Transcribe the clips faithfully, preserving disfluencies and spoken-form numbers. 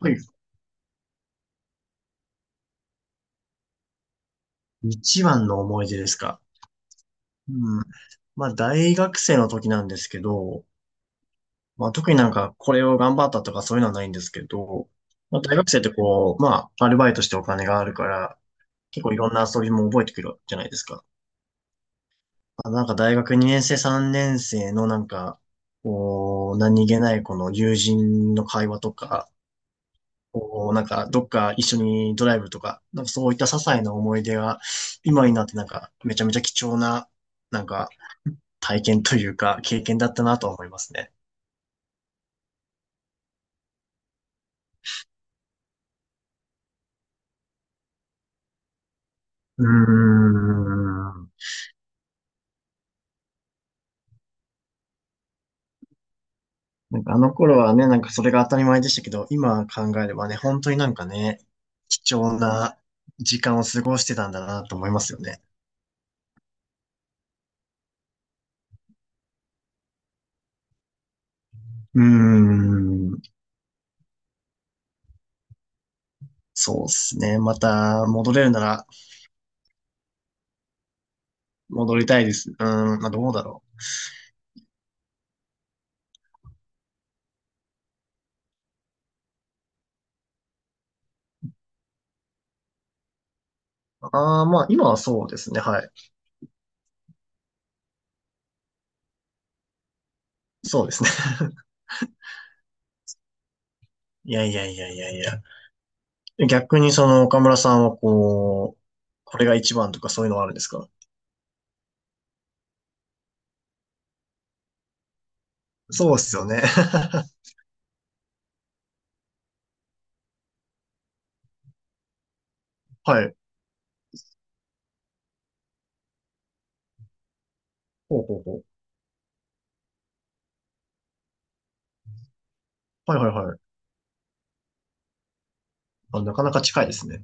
はい。一番の思い出ですか。うん。まあ、大学生の時なんですけど、まあ、特になんかこれを頑張ったとかそういうのはないんですけど、まあ、大学生ってこう、まあ、アルバイトしてお金があるから、結構いろんな遊びも覚えてくるじゃないですか。まあ、なんか大学にねん生、さんねん生のなんか、こう、何気ないこの友人の会話とか、こう、なんかどっか一緒にドライブとか、なんかそういった些細な思い出が、今になってなんかめちゃめちゃ貴重な、なんか体験というか、経験だったなとは思いますね。うーん。なんかあの頃はね、なんかそれが当たり前でしたけど、今考えればね、本当になんかね、貴重な時間を過ごしてたんだなと思いますよね。うーん。そうですね。また戻れるなら戻りたいです。うーん、まあどうだろう。ああ、まあ今はそうですね。はい。そうですね。いやいやいやいやいや。逆にその岡村さんはこう、これが一番とかそういうのはあるんですか？そうっすよね。はい。ほうほうほう。はいはいはい。あ、なかなか近いですね。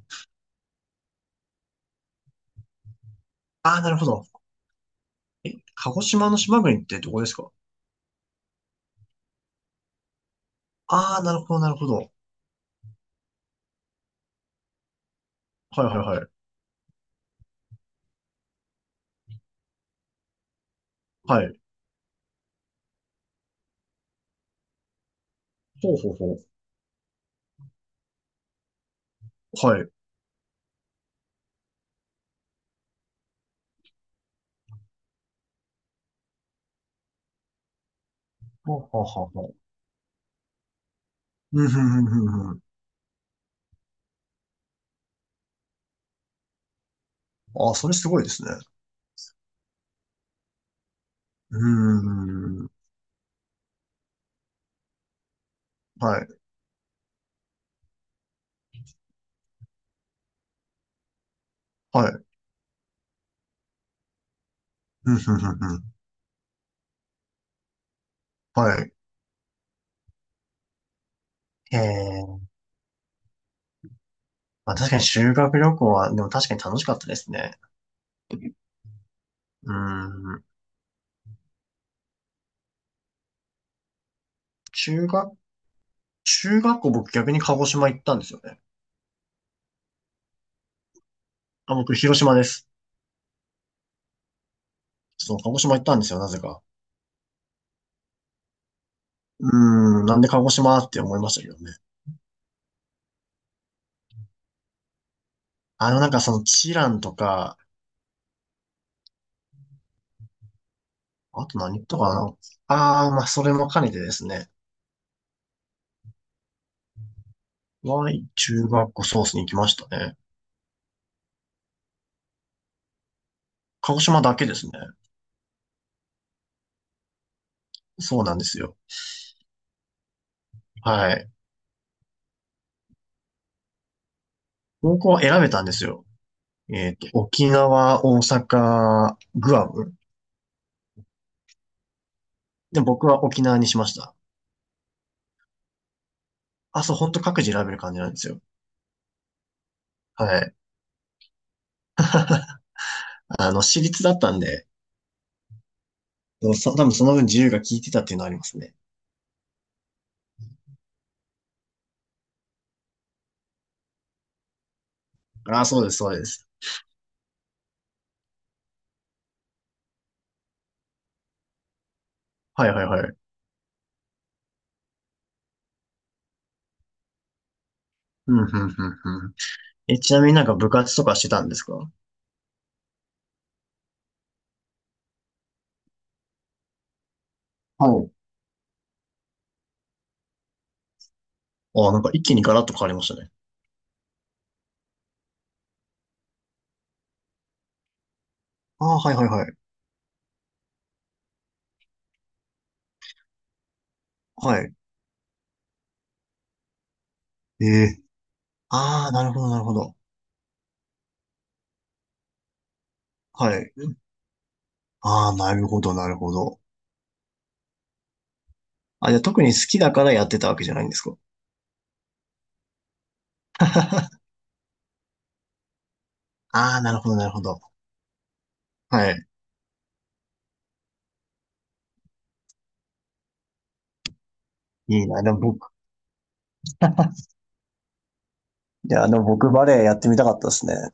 ああ、なるほど。鹿児島の島国ってどこですか？ああー、なるほど、なるほど。はいはいはい。はい。ほうほうほう。はい。ほうほうほうほう。うん、ふんふんふんふん。ああ、それすごいですね。うーん。はい。はい。うん、ふんふんふん。はい。へえ。まあ確かに修学旅行は、でも確かに楽しかったですね。うーん。中学、中学校僕逆に鹿児島行ったんですよね。あ、僕広島です。そう、鹿児島行ったんですよ、なぜか。うーん、なんで鹿児島って思いましたけどね。あの、なんかその、チランとか、あと何とったかな。ああ、まあ、それも兼ねてですね。Y 中学校ソースに行きましたね。鹿児島だけですね。そうなんですよ。はい。高校は選べたんですよ。えっと、沖縄、大阪、グアム。で、僕は沖縄にしました。あ、そう、ほんと各自選べる感じなんですよ。はい。あの、私立だったんで、そうそ多分その分自由が効いてたっていうのはありますね。ああ、そうです、そうです。はいはいはい。うん、うん、うん、うん。え、ちなみになんか部活とかしてたんですか？はい。ああ、なんか一気にガラッと変わりましたね。ああ、はいはいはい。はい。ええ。ああ、なるほど、なるほど。はい。ああ、なるほど、なるほど。あ、じゃあ特に好きだからやってたわけじゃないんですか？ああ、なるほど、なるほど。はい。いいな。でも僕、いや、でも僕バレエやってみたかったですね。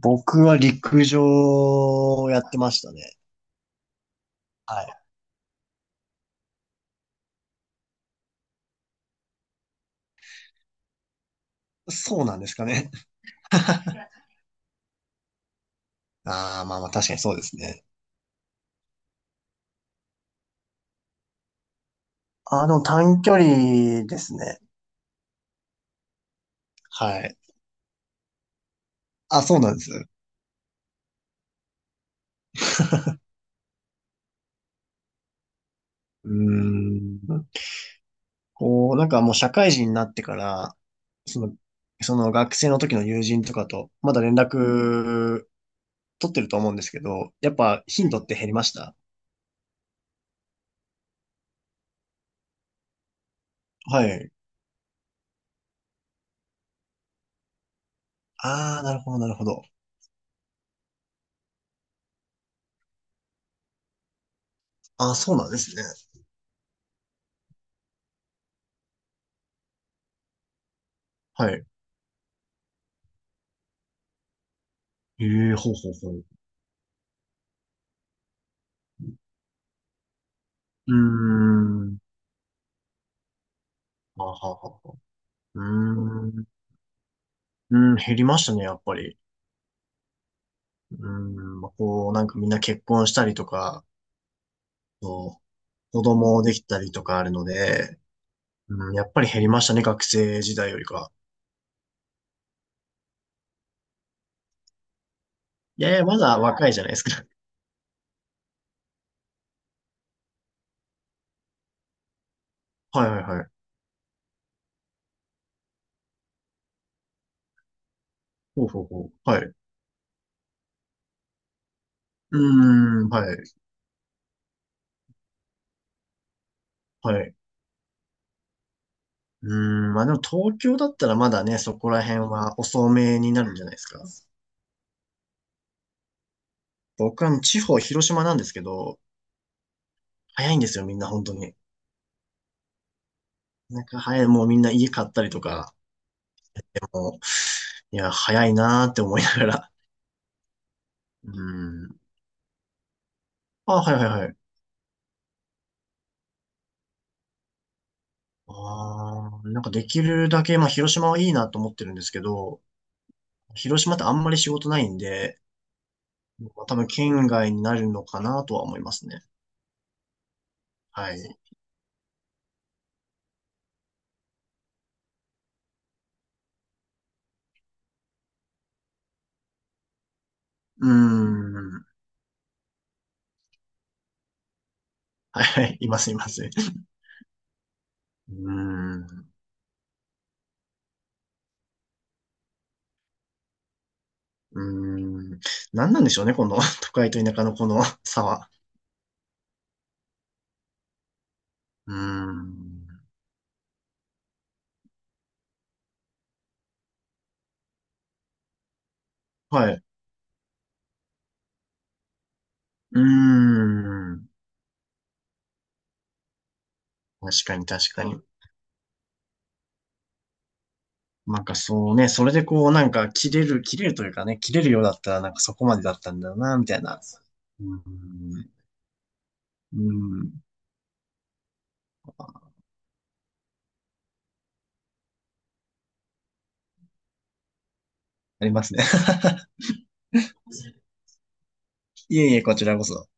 僕は陸上をやってましたね。はい。そうなんですかね。ああ、まあまあ確かにそうですね。あの、短距離ですね。はい。あ、そうなんです。うーん。こう、なんかもう社会人になってから、その、その学生の時の友人とかと、まだ連絡取ってると思うんですけど、やっぱ頻度って減りました？はい。ああ、なるほど、なるほど。ああ、そうなんですね。はい。ええ、ほうほうほう。うーん。あははは。うーん。うん、減りましたね、やっぱり。うーん、まあ、こう、なんかみんな結婚したりとか、そう、子供できたりとかあるので、うん、やっぱり減りましたね、学生時代よりか。いやいや、まだ若いい。じゃないですか。はいはいはい。ほうほうほう。はい。うーん、はい、はい。うーん、まあでも東京だったらまだね、そこら辺は遅めになるんじゃないですか。僕は地方、広島なんですけど、早いんですよ、みんな本当に。なんか早い、もうみんな家買ったりとか、もう、いや、早いなーって思いながら。うーん。あ、はいはいはい。あー、なんかできるだけ、まあ広島はいいなと思ってるんですけど、広島ってあんまり仕事ないんで、まあ多分県外になるのかなとは思いますね。はい。うーん。はいはい、いますいます。うーん。うーん。何なんでしょうね、この 都会と田舎のこの 差は。うーん。はい。うーん。確かに確かに。なんかそうね、それでこうなんか切れる、切れるというかね、切れるようだったらなんかそこまでだったんだよな、みたいな。うーん。うーん。ありますね。いえいえ、こちらこそ。